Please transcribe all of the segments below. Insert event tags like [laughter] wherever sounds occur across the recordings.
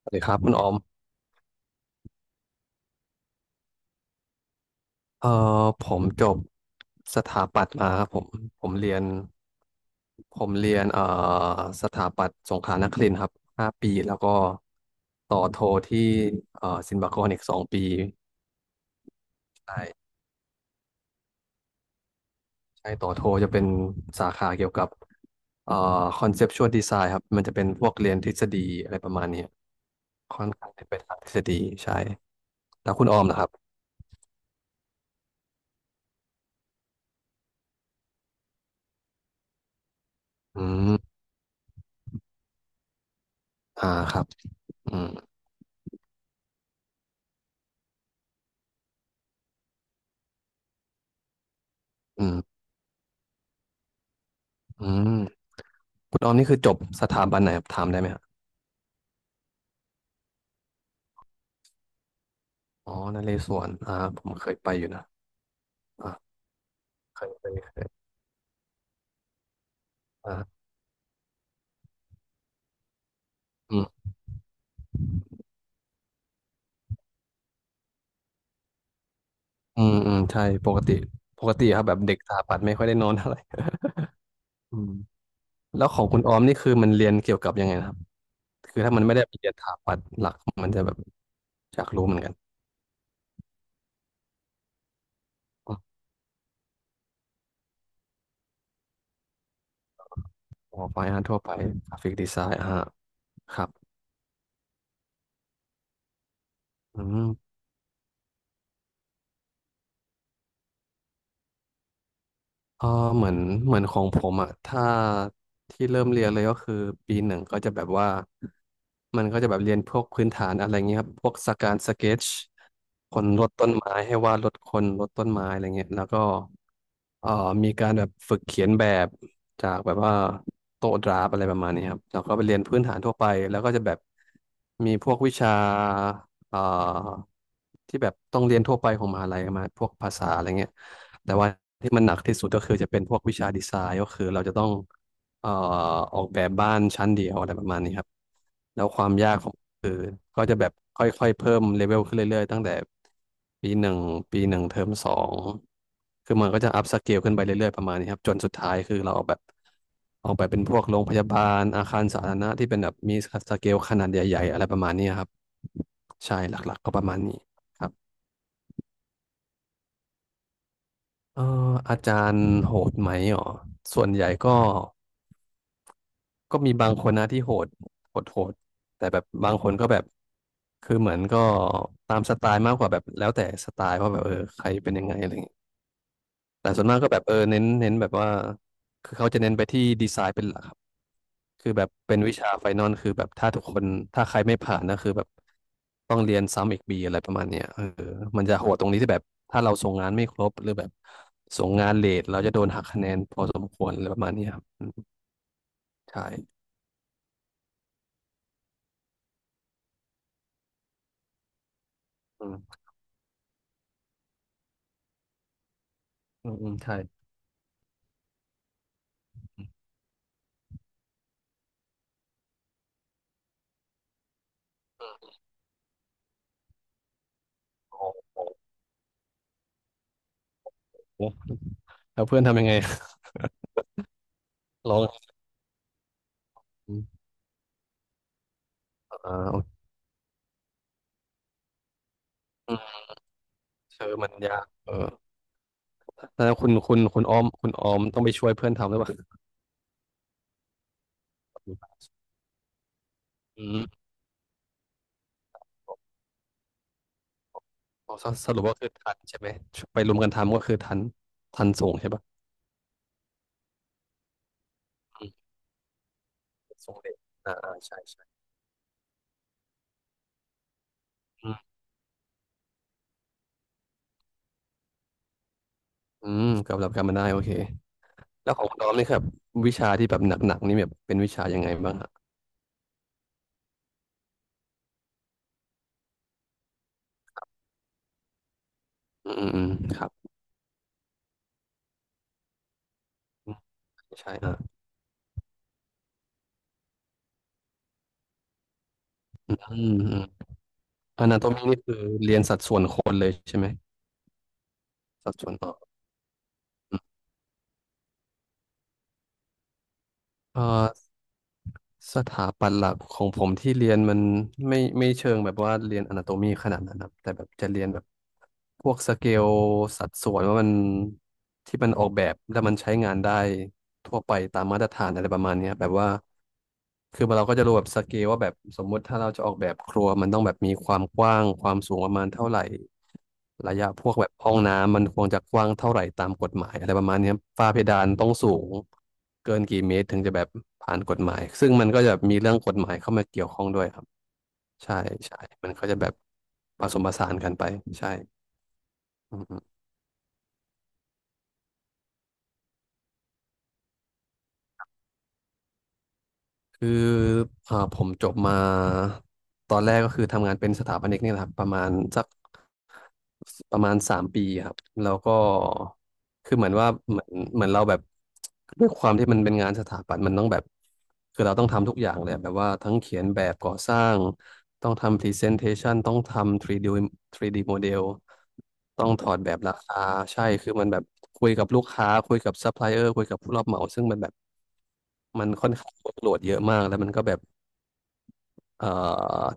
สวัสดีครับคุณออมเอ่อผมจบสถาปัตย์มาครับผมผมเรียนผมเรียนสถาปัตย์สงขลานครินทร์ครับห้าปีแล้วก็ต่อโทที่ศิลปากรอีกสองปีใช่ใช่ต่อโทจะเป็นสาขาเกี่ยวกับเอ่อคอนเซปชวลดีไซน์ครับมันจะเป็นพวกเรียนทฤษฎีอะไรประมาณเนี้ยค่อนข้างจะเป็นทางทฤษฎีใช่แล้วคุณออมนะครับอืมอ่าครับอืมอืมอืม คุณออมนี่คือจบสถาบันไหนครับถามได้ไหมครับอ๋อนเรศวรอ่าผมเคยไปอยู่นะอ่าเคยอ่าอืมอืมอืมใช่ปกติครับแบบเด็กสถาปัตย์ไม่ค่อยได้นอนเท่าไหร่ [laughs] อืมแล้วของคุณออมนี่คือมันเรียนเกี่ยวกับยังไงนะครับคือถ้ามันไม่ได้ไปเรียนสถาปัตย์หลักมันจะแบบอยากรู้เหมือนกันอ๋อไฟอาร์ทั่วไปกราฟิกดีไซน์อ่าครับอืม เออเหมือนเหมือนของผมอะถ้าที่เริ่มเรียนเลยก็คือปีหนึ่งก็จะแบบว่ามันก็จะแบบเรียนพวกพื้นฐานอะไรเงี้ยครับพวกสการสเก็ตคนลดต้นไม้ให้วาดลดคนลดต้นไม้อะไรเงี้ยแล้วก็เอ่อมีการแบบฝึกเขียนแบบจากแบบว่าโต๊ะดราฟอะไรประมาณนี้ครับแล้วก็ไปเรียนพื้นฐานทั่วไปแล้วก็จะแบบมีพวกวิชา เอ่าที่แบบต้องเรียนทั่วไปของมหาลัยมาพวกภาษาอะไรเงี้ยแต่ว่าที่มันหนักที่สุดก็คือจะเป็นพวกวิชาดีไซน์ก็คือเราจะต้องเอ่อออกแบบบ้านชั้นเดียวอะไรประมาณนี้ครับแล้วความยากของ คือก็จะแบบค่อยๆเพิ่มเลเวลขึ้นเรื่อยๆตั้งแต่ปีหนึ่งปีหนึ่งเทอมสองคือมันก็จะอัพสเกลขึ้นไปเรื่อยๆประมาณนี้ครับจนสุดท้ายคือเราเอาแบบออกไปเป็นพวกโรงพยาบาลอาคารสาธารณะที่เป็นแบบมีสเกลขนาดใหญ่ๆอะไรประมาณนี้ครับใช่หลักๆก็ประมาณนี้ครับเอ่ออาจารย์โหดไหมอ๋อส่วนใหญ่ก็ ก็มีบางคนนะที่โหดโหดโหดแต่แบบบางคนก็แบบ คือเหมือนก็ตามสไตล์มากกว่าแบบแล้วแต่สไตล์ว่าแบบเออใครเป็นยังไงอะไรอย่างเงี้ยแต่ส่วนมากก็แบบเออเน้นแบบว่าคือเขาจะเน้นไปที่ดีไซน์เป็นหลักครับคือแบบเป็นวิชาไฟนอลคือแบบถ้าทุกคนถ้าใครไม่ผ่านนะคือแบบต้องเรียนซ้ำอีกปีอะไรประมาณเนี้ยเออมันจะโหดตรงนี้ที่แบบถ้าเราส่งงานไม่ครบหรือแบบส่งงานเลทเราจะโดนหักคะแนนพอสมควรอะไรประมาณเนี้ยครับอืมใช่อืมอืมอืมใช่ โอ้แล้วเพื่อนทำยังไง [laughs] ร้องอ่าโอเคอืมเธอมันยากเออแล้วคุณออมต้องไปช่วยเพื่อนทำหรือเปล่าอืมอ๋อสสรุปว่าคือทันใช่ไหมไปรวมกันทำก็คือทันทันส่งใช่ปะอืมส่งเด็กอ่าอ่าใช่ใช่อืมอืมกับหลับกันมาได้โอเคแล้วของคุณออมนี่ครับวิชาที่แบบหนักๆนี่แบบเป็นวิชายังไงบ้างอะอืมอืมอืมครับอืมใช่อ่าอืมอนาโตมีนี่คือเรียนสัดส่วนคนเลยใช่ไหมสัดส่วนต่อ เอ่อสถาปัตย์หลักของผมที่เรียนมันไม่เชิงแบบว่าเรียนอนาโตมีขนาดนั้นครับแต่แบบจะเรียนแบ พวกสเกลสัดส่วนว่ามันที่มันออกแบบแล้วมันใช้งานได้ทั่วไปตามมาตรฐานอะไรประมาณเนี้ยแบบว่าคือเราก็จะรู้แบบสเกลว่าแบบสมมุติถ้าเราจะออกแบบครัวมันต้องแบบมีความกว้างความสูงประมาณเท่าไหร่ระยะพวกแบบห้องน้ำมันควรจะกว้างเท่าไหร่ตามกฎหมายอะไรประมาณเนี้ยฝ้าเพดานต้องสูงเกินกี่เมตรถึงจะแบบผ่านกฎหมายซึ่งมันก็จะมีเรื่องกฎหมายเข้ามาเกี่ยวข้องด้วยครับใช่ใช่มันก็จะแบบผสมผสานกันไปใช่ อืมอืมคืออ่าผมจบมาตอนแรกก็คือทำงานเป็นสถาปนิกเนี่ยแหละครับประมาณสักประมาณสามปีครับแล้วก็คือเหมือนว่าเหมือนเหมือนเราแบบด้วยความที่มันเป็นงานสถาปัตย์มันต้องแบบคือเราต้องทำทุกอย่างเลยแบบว่าทั้งเขียนแบบก่อสร้างต้องทำพรีเซนเทชันต้องทำ 3D โมเดลต้องถอดแบบราคาใช่คือมันแบบคุยกับลูกค้าคุยกับซัพพลายเออร์คุยกับผู้รับเหมาซึ่งมันแบบ มันค่อนข้างโหลดเยอะมากแล้วมันก็แบบเอ่อ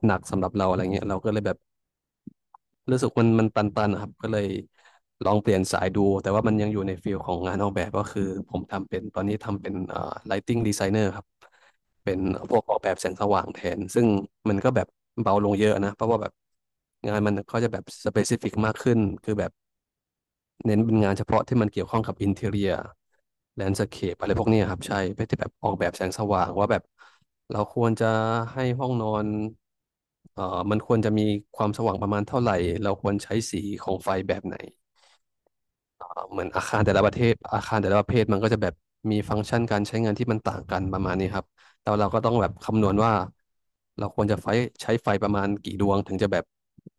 หนักสำหรับเราอะไรเงี้ยเราก็เลยแบบรู้สึกมันตันๆนะครับก็เลยลองเปลี่ยนสายดูแต่ว่ามันยังอยู่ในฟิลของงานออกแบบก็คือผมทำเป็นตอนนี้ทำเป็นlighting designer ครับเป็นพวกออกแบบแสงสว่างแทนซึ่งมันก็แบบเบาลงเยอะนะเพราะว่าแบบงานมันก็จะแบบ specific มากขึ้นคือแบบ เน้นเป็นงานเฉพาะที่มันเกี่ยวข้องกับอินเท i เรียแลนด์สเคปอะไรพวกเนี้ยครับใช่เพื่อที่แบบออกแบบแสงสว่างว่าแบบเราควรจะให้ห้องนอนเอ่อมันควรจะมีความสว่างประมาณเท่าไหร่ เราควรใช้สีของไฟแบบไหน เหมือนอาคารแต่ละประเทศอาคารแต่ละประเภทมันก็จะแบบมีฟังก์ชันการใช้งานที่มันต่างกันประมาณนี้ครับแต่ว่าเราก็ต้องแบบคำนวณว่าเราควรจะไฟใช้ไฟประมาณกี่ดวงถึงจะแบบ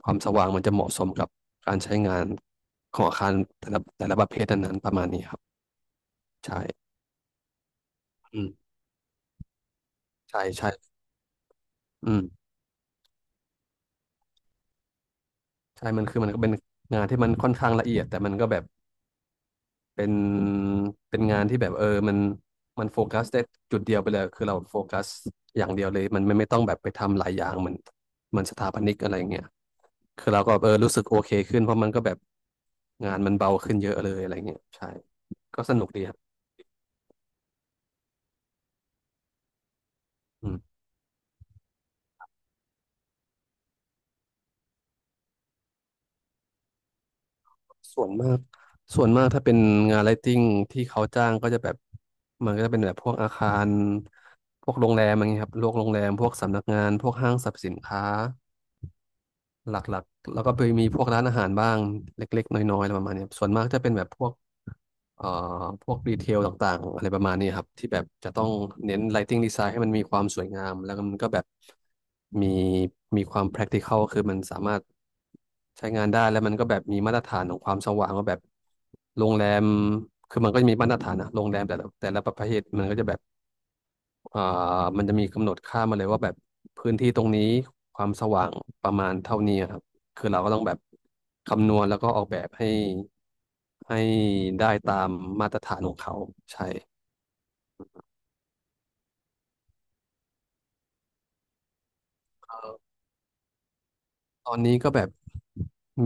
ความสว่างมันจะเหมาะสมกับการใช้งานของอาคารแต่ละประเภทนั้นๆประมาณนี้ครับใช่อืมใช่ใช่อืมใช่มันคือมันก็เป็นงานที่มันค่อนข้างละเอียดแต่มันก็แบบ เป็นเป็นงานที่แบบเออมันโฟกัสได้จุดเดียวไปเลยคือเราโฟกัสอย่างเดียวเลยมันไม่ต้องแบบไปทำหลายอย่างเหมือนเหมือนสถาปนิกอะไรเงี้ยคือเราก็เออรู้สึกโอเคขึ้นเพราะมันก็แบบงานมันเบาขึ้นเยอะเลยอะไรเงี้ยใช่ก็สนุกดีครับอืมส่วนมากส่วนมากถ้าเป็นงานไลท์ติ้งที่เขาจ้างก็จะแบบมันก็จะเป็นแบบพวกอาคารพวกโรงแรมอะไรเงี้ยครับพวกโรงแรมพวกสำนักงานพวกห้างสรรพสินค้า หลักๆแล้วก็ไปมีพวกร้านอาหารบ้างเล็กๆน้อยๆอะไรประมาณเนี้ยส่วนมากจะเป็นแบบพวกเอ่อพวกดีเทลต่างๆอะไรประมาณนี้ครับที่แบบจะต้องเน้น lighting design ให้มันมีความสวยงามแล้วก็มันก็แบบมีมีความ practical คือมันสามารถใช้งานได้แล้วมันก็แบบมีมาตรฐานของความสว่างว่าแบบโรงแรมคือมันก็จะมีมาตรฐานอะโรงแรมแต่ละประเภทมันก็จะแบบ อ่ามันจะมีกำหนดค่ามาเลยว่าแบบพื้นที่ตรงนี้ความสว่างประมาณเท่านี้ครับคือเราก็ต้องแบบคำนวณแล้วก็ออกแบบให้ให้ได้ตามมาตรฐานของเขาใช่ตอนนี้ก็แบบ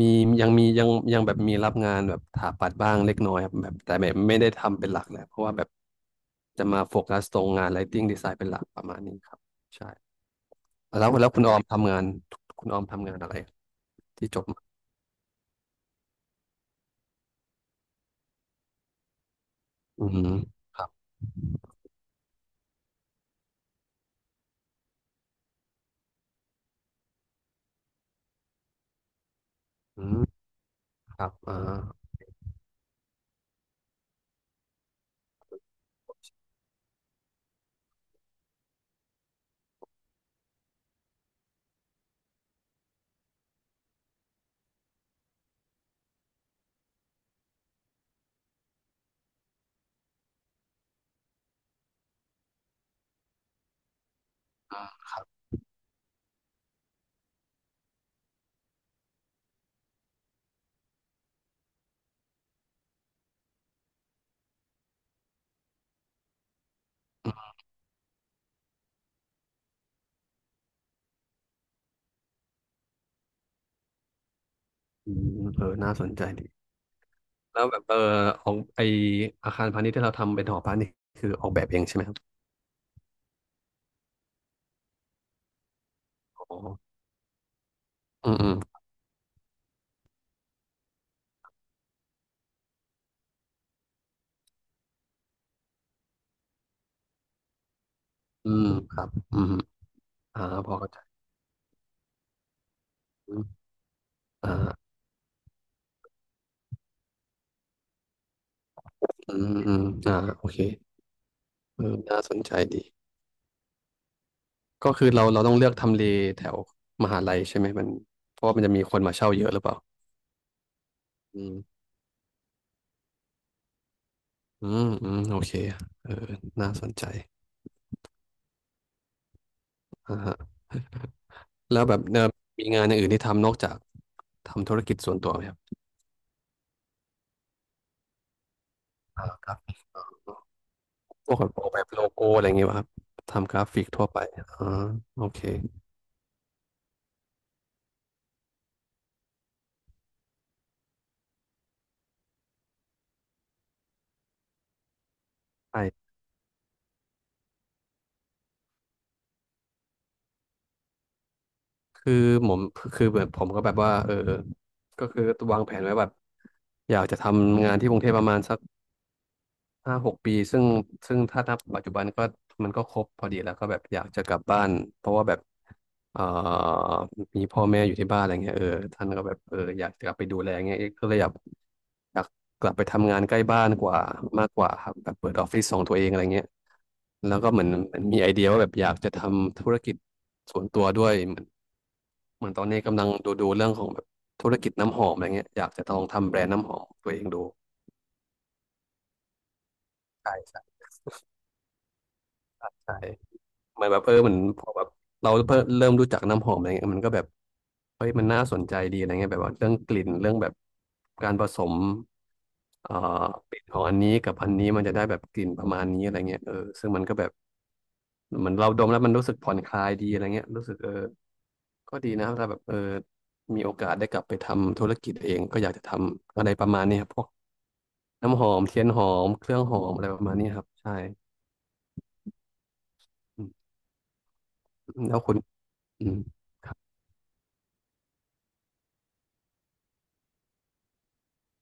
มียังแบบมีรับงานแบบถาปัดบ้างเล็กน้อยครับแบบแต่แบบไม่ได้ทำเป็นหลักแหละเพราะว่าแบบจะมาโฟกัสตรงงาน Lighting Design เป็นหลักประมาณนี้ครับใช่แล้วคุณออมทำงานคุณออมทำงานอะไรที่จบมาอืม อืมครับอ่าอืมเออน่าสนใจดีแล้วแบบเออของไออาคารพาณิชย์ที่เราทำเป็นหอพักนี่คือออกแบบเองใช่ไหมครับอ๋ออืมอืมอืมครับอืมอ่าพอเข้าใจอืมอ่าอืมอืมอ่าโอเคเออน่าสนใจดีก็คือเราต้องเลือกทำเลแถวมหาลัยใช่ไหมมันเพราะว่ามันจะมีคนมาเช่าเยอะหรือเปล่าอืมอืมอืมโอเคเออน่าสนใจอ่าฮะแล้วแบบเออมีงานอย่างอื่นที่ทำนอกจากทำธุรกิจส่วนตัวไหมครับ อ่าครับพวกออกแบบโลโก้อะไรอย่างเงี้ยป่ะครับทำกราฟิกทั่วไปอ่าโอเคใช่คือผมคือแบบผมก็แบบว่าเออก็คือวางแผนไว้แบบอยากจะทำงานที่กรุงเทพประมาณสัก ห้าหกปีซึ่งถ้านับปัจจุบันก็มันก็ครบพอดีแล้วก็แบบอยากจะกลับบ้านเพราะว่าแบบเอ่อมีพ่อแม่อยู่ที่บ้านอะไรเงี้ยเออท่านก็แบบเอออยากจะกลับไปดูแลเงี้ยเอ๊ะก็เลยอยากกลับไปทำงานใกล้บ้านกว่ามากกว่าครับแบบเปิดออฟฟิศของตัวเองอะไรเงี้ยแล้วก็เหมือนมันมีไอเดียว่าแบบอยากจะทำธุรกิจส่วนตัวด้วยเหมือนเหมือนตอนนี้กำลังดูเรื่องของแบบธุรกิจน้ำหอมอะไรเงี้ยอยากจะลองทำแบรนด์น้ำหอมของตัวเองดูใช่ใช่ใช่ เหมือนแบบเออเหมือนพอแบบเราเพิ่มเริ่มรู้จักน้ำหอมอะไรเงี้ยมันก็แบบเฮ้ยมันน่าสนใจดีอะไรเงี้ยแบบว่าเรื่องกลิ่นเรื่องแบบการผสมเอ่อกลิ่นของอันนี้กับอันนี้มันจะได้แบบกลิ่นประมาณนี้อะไรเงี้ยเออซึ่งมันก็แบบเหมือนเราดมแล้วมันรู้สึกผ่อนคลายดีอะไรเงี้ยรู้สึกเออก็ดีนะถ้าแบบเออมีโอกาสได้กลับไปทำธุรกิจเองก็อยากจะทำอะไรประมาณนี้ครับพวกน้ำหอมเทียนหอมเครื่องหอมอะไรประมาณนี้ครับใช่อืมแล้วคุณอืมครับ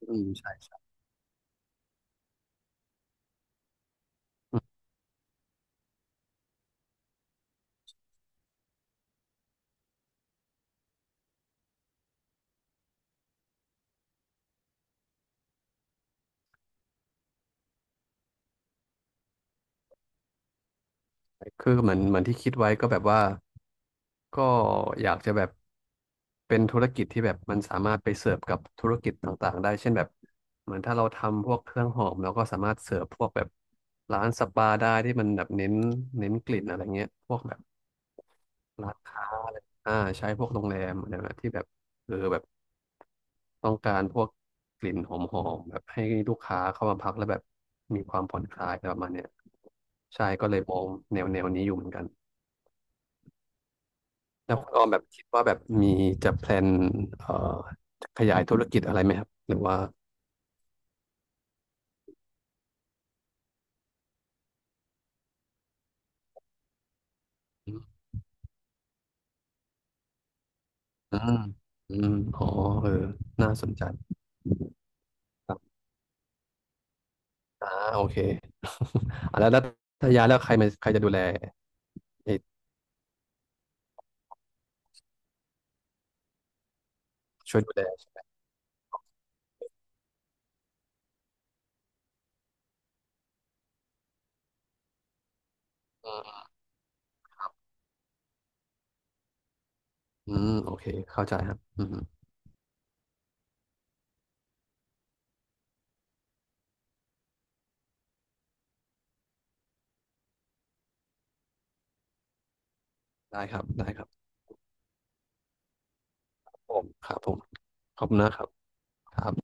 อืมใช่ คือเหมือนเหมือนที่คิดไว้ก็แบบว่าก็อยากจะแบบเป็นธุรกิจที่แบบมันสามารถไปเสิร์ฟกับธุรกิจต่างๆได้เช่นแบบเหมือนถ้าเราทำพวกเครื่องหอมเราก็สามารถเสิร์ฟพวกแบบร้านสปาได้ที่มันแบบเน้นกลิ่นอะไรเงี้ยพวกแบบร้านค้าอะไรอ่าใช้พวกโรงแรมอะไรแบบที่แบบเออแบบต้องการพวกกลิ่นหอมๆแบบให้ลูกค้าเข้ามาพักแล้วแบบมีความผ่อนคลายอะไรประมาณเนี้ยใช่ก็เลยมองแนวนี้อยู่เหมือนกัน แล้วคุณออมแบบคิดว่าแบบมีจะแพลนเอ่อขยายธุรกิจอะไรไหมครับหรือว่าอืมอืมอ๋อเออน่าสนใจครับอ่าโอเค [laughs] อ่ะแล้วถ้าย้ายแล้วใครมาใครจะดูแลเออช่วยดูแลอืมอืมโอเคเข้าใจครับอืมได้ครับได้ครับผมครับผมขอบคุณนะครับครับ